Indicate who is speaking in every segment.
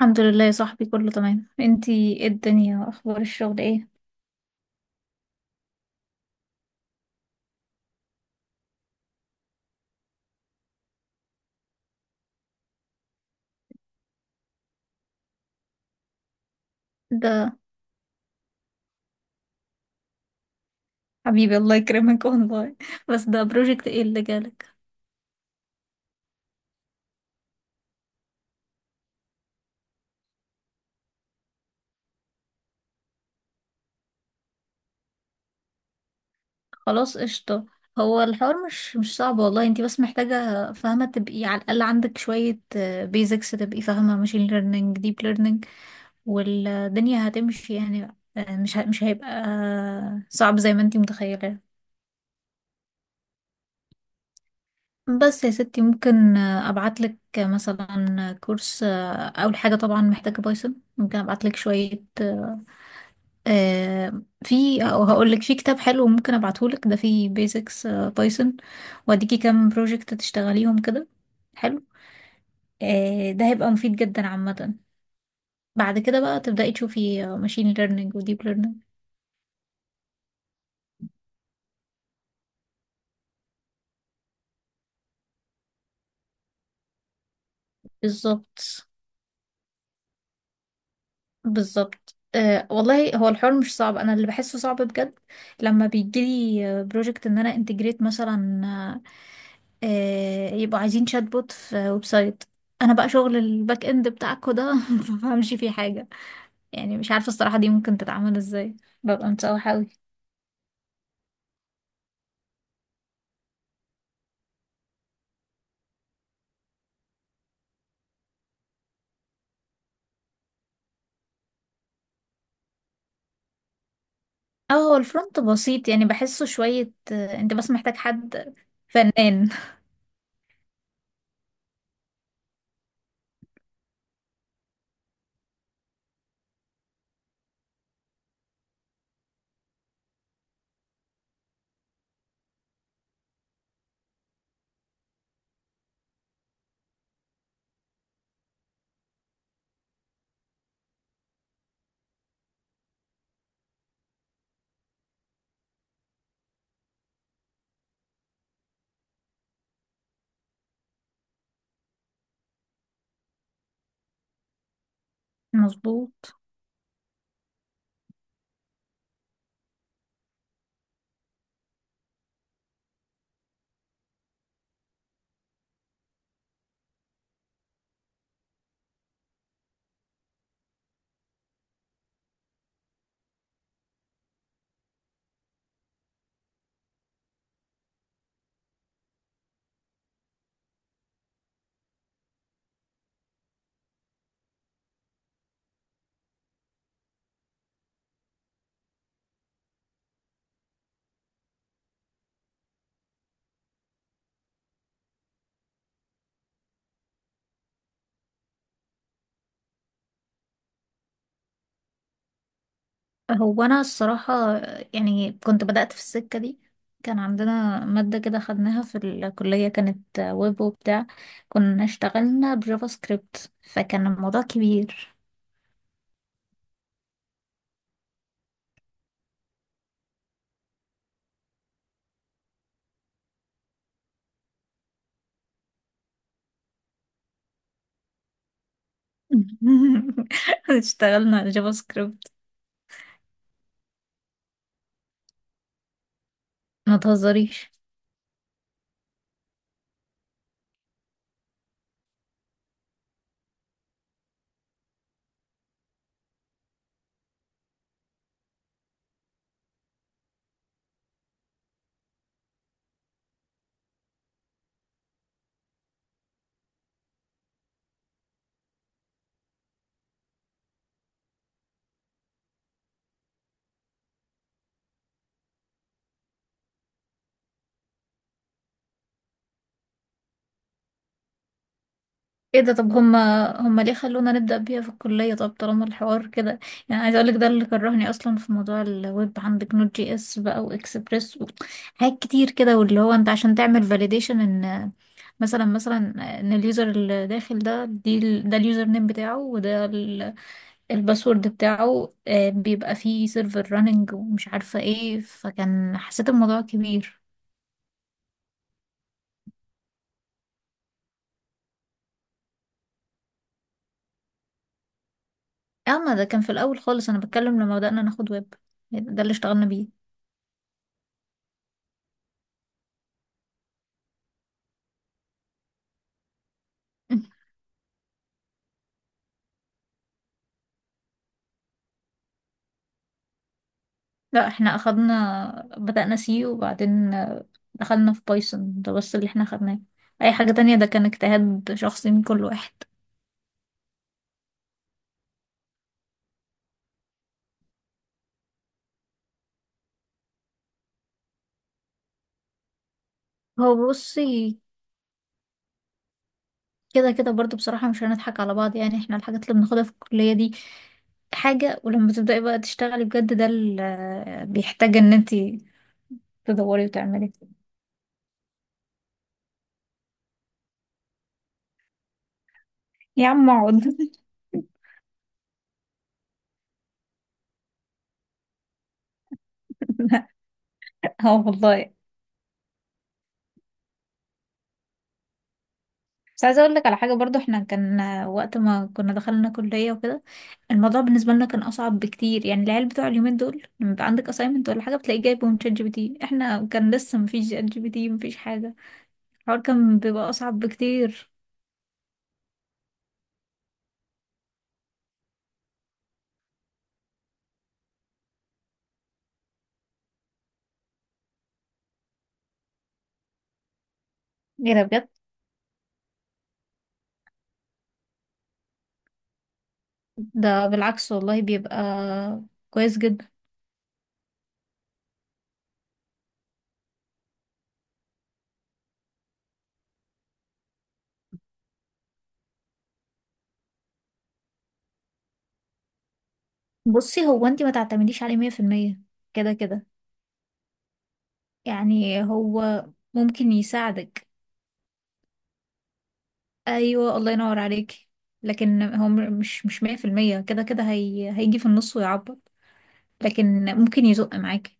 Speaker 1: الحمد لله يا صاحبي، كله تمام. انتي ايه الدنيا، اخبار الشغل ايه؟ ده حبيبي الله يكرمك والله بس ده بروجكت ايه اللي جالك؟ خلاص قشطة. هو الحوار مش صعب والله، انتي بس محتاجة فاهمة تبقي على الأقل عندك شوية بيزكس، تبقي فاهمة ماشين ليرنينج، ديب ليرنينج والدنيا هتمشي يعني. مش هيبقى صعب زي ما انتي متخيلة. بس يا ستي، ممكن ابعت لك مثلا كورس، اول حاجه طبعا محتاجه بايثون، ممكن ابعت لك شويه، آه، في او هقول لك في كتاب حلو ممكن ابعته لك، ده فيه بيزكس بايثون، واديكي كام بروجكت تشتغليهم كده. حلو. ده هيبقى مفيد جدا عامه. بعد كده بقى تبداي تشوفي ماشين ليرنينج وديب ليرنينج. بالظبط. بالظبط، أه والله هو الحوار مش صعب، انا اللي بحسه صعب بجد لما بيجيلي بروجكت ان انا انتجريت مثلا، أه يبقوا عايزين شات بوت في ويب سايت، انا بقى شغل الباك اند بتاعكوا ده ما بفهمش فيه حاجه. يعني مش عارفه الصراحه دي ممكن تتعمل ازاي، ببقى متسوحه قوي. اه، هو الفرونت بسيط يعني بحسه شويه، انت بس محتاج حد فنان مظبوط. هو أنا الصراحة يعني كنت بدأت في السكة دي، كان عندنا مادة كده خدناها في الكلية، كانت ويب وبتاع، كنا اشتغلنا بجافا سكريبت فكان الموضوع كبير. اشتغلنا على جافا سكريبت. ما تهزريش. ايه ده؟ طب هما ليه خلونا نبدأ بيها في الكلية؟ طب طالما الحوار كده، يعني عايزة اقولك ده اللي كرهني اصلا في موضوع الويب. عندك نوت جي اس بقى واكسبريس، حاجات كتير كده، واللي هو انت عشان تعمل فاليديشن ان مثلا ان اليوزر اللي داخل ده، ده اليوزر نيم بتاعه، الباسورد بتاعه، بيبقى فيه سيرفر راننج ومش عارفة ايه، فكان حسيت الموضوع كبير. اما ده كان في الاول خالص، انا بتكلم لما بدأنا ناخد ويب، ده اللي اشتغلنا بيه. لا احنا اخدنا بدأنا سي، وبعدين دخلنا في بايثون، ده بس اللي احنا اخدناه. اي حاجة تانية ده كان اجتهاد شخصي من كل واحد. هو بصي، كده كده برضو بصراحة مش هنضحك على بعض، يعني احنا الحاجات اللي بناخدها في الكلية دي حاجة، ولما تبدأي بقى تشتغلي بجد ده اللي بيحتاج ان انتي تدوري وتعملي. يا عم اقعد اه والله. بس عايزة اقول لك على حاجة برضو، احنا كان وقت ما كنا دخلنا كلية وكده الموضوع بالنسبة لنا كان اصعب بكتير، يعني العيال بتوع اليومين دول لما يبقى عندك assignment ولا حاجة بتلاقيه جايبهم شات جي بي تي، احنا كان لسه مفيش شات جي بي تي، مفيش حاجة. الحوار كان بيبقى اصعب بكتير. ايه ده بجد؟ ده بالعكس والله، بيبقى كويس جدا. بصي، هو انت ما تعتمديش عليه مية في المية كده كده، يعني هو ممكن يساعدك. ايوه، الله ينور عليك. لكن هو مش مية في المية كده كده، هي هيجي في النص ويعبط، لكن ممكن يزق معاكي.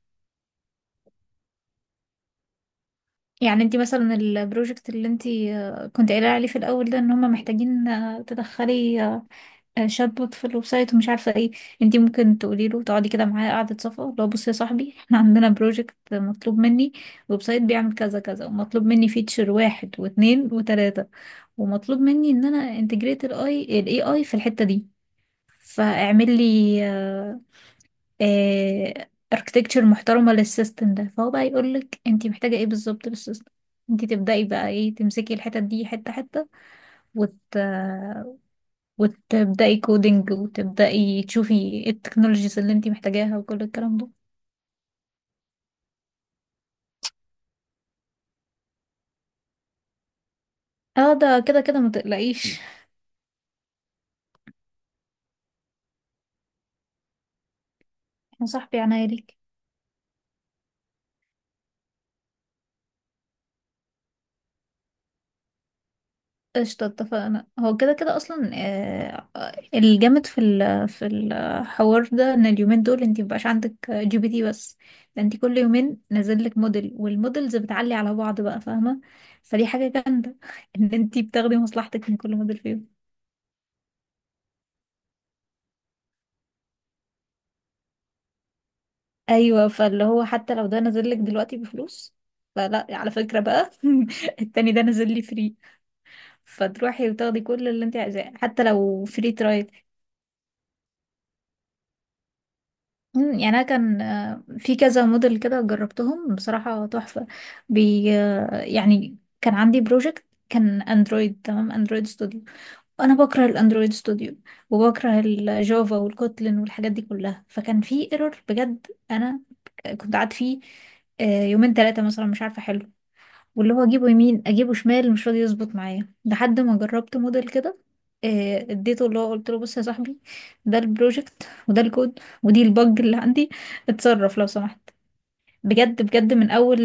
Speaker 1: يعني انت مثلا البروجكت اللي انت كنت قايله عليه في الاول ده، ان هم محتاجين تدخلي شات بوت في الويب سايت ومش عارفه ايه، انتي ممكن تقولي له تقعدي كده معايا قعده صفا، لو بصي يا صاحبي احنا عندنا بروجكت مطلوب مني ويب سايت بيعمل كذا كذا، ومطلوب مني فيتشر واحد واتنين وتلاته، ومطلوب مني ان انا انتجريت الاي الاي اي في الحته دي، فاعمل لي اركتكتشر محترمه للسيستم ده، فهو بقى يقول لك انتي محتاجه ايه بالظبط للسيستم. انتي تبداي بقى ايه، تمسكي الحتت دي حته حته، وت وتبدأي كودينج، وتبدأي تشوفي ايه التكنولوجيز اللي انتي محتاجاها وكل الكلام ده. اه ده كده كده ما تقلقيش. يا صاحبي عناية ليك. قشطة اتفقنا. هو كده كده اصلا، الجامد في ال في الحوار ده ان اليومين دول انتي مبقاش عندك جي بي تي بس، ده انتي كل يومين نازل لك موديل، والموديلز بتعلي على بعض بقى، فاهمة؟ فدي حاجة جامدة ان انتي بتاخدي مصلحتك من كل موديل فيهم. ايوه، فاللي هو حتى لو ده نازل لك دلوقتي بفلوس، فلا على فكرة بقى، التاني ده نازل لي فري، فتروحي وتاخدي كل اللي انت عايزاه حتى لو فري ترايل. مم، يعني انا كان في كذا موديل كده جربتهم بصراحة تحفة. بي آه، يعني كان عندي بروجكت كان اندرويد، تمام اندرويد ستوديو، انا بكره الاندرويد ستوديو وبكره الجافا والكوتلين والحاجات دي كلها، فكان في ايرور بجد انا كنت قعدت فيه يومين ثلاثة مثلا مش عارفة، واللي هو اجيبه يمين اجيبه شمال مش راضي يظبط معايا، لحد ما جربت موديل كده، اديته، اللي هو قلت له بص يا صاحبي ده البروجكت وده الكود ودي البج اللي عندي، اتصرف لو سمحت. بجد بجد من اول،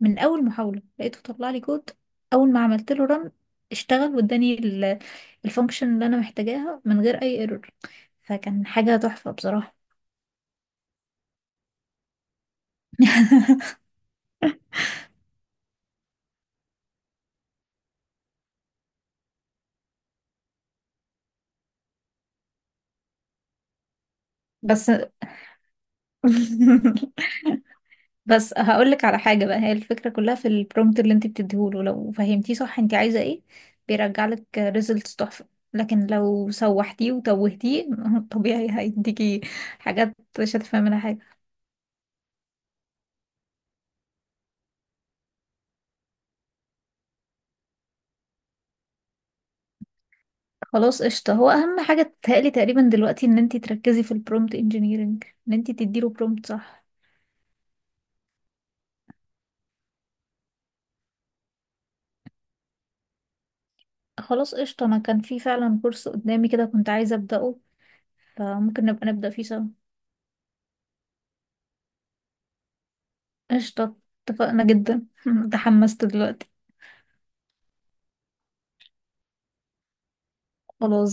Speaker 1: من اول محاولة لقيته طلع لي كود، اول ما عملت له رن اشتغل واداني الفانكشن اللي انا محتاجاها من غير اي ايرور، فكان حاجة تحفة بصراحة. بس بس هقولك على حاجة بقى، هي الفكرة كلها في البرومبت اللي انت بتديهوله، لو فهمتيه صح انت عايزة ايه بيرجعلك ريزلتس تحفة، لكن لو سوحتيه وتوهتيه طبيعي هيديكي حاجات مش هتفهمي منها حاجة. خلاص قشطة، هو أهم حاجة تتهيألي تقريبا دلوقتي ان انت تركزي في البرومبت انجينيرنج، ان انت تديله برومبت صح. خلاص قشطة، انا كان في فعلا كورس قدامي كده كنت عايزة أبدأه، فممكن نبقى نبدأ فيه سوا. قشطة اتفقنا جدا تحمست دلوقتي. خلاص.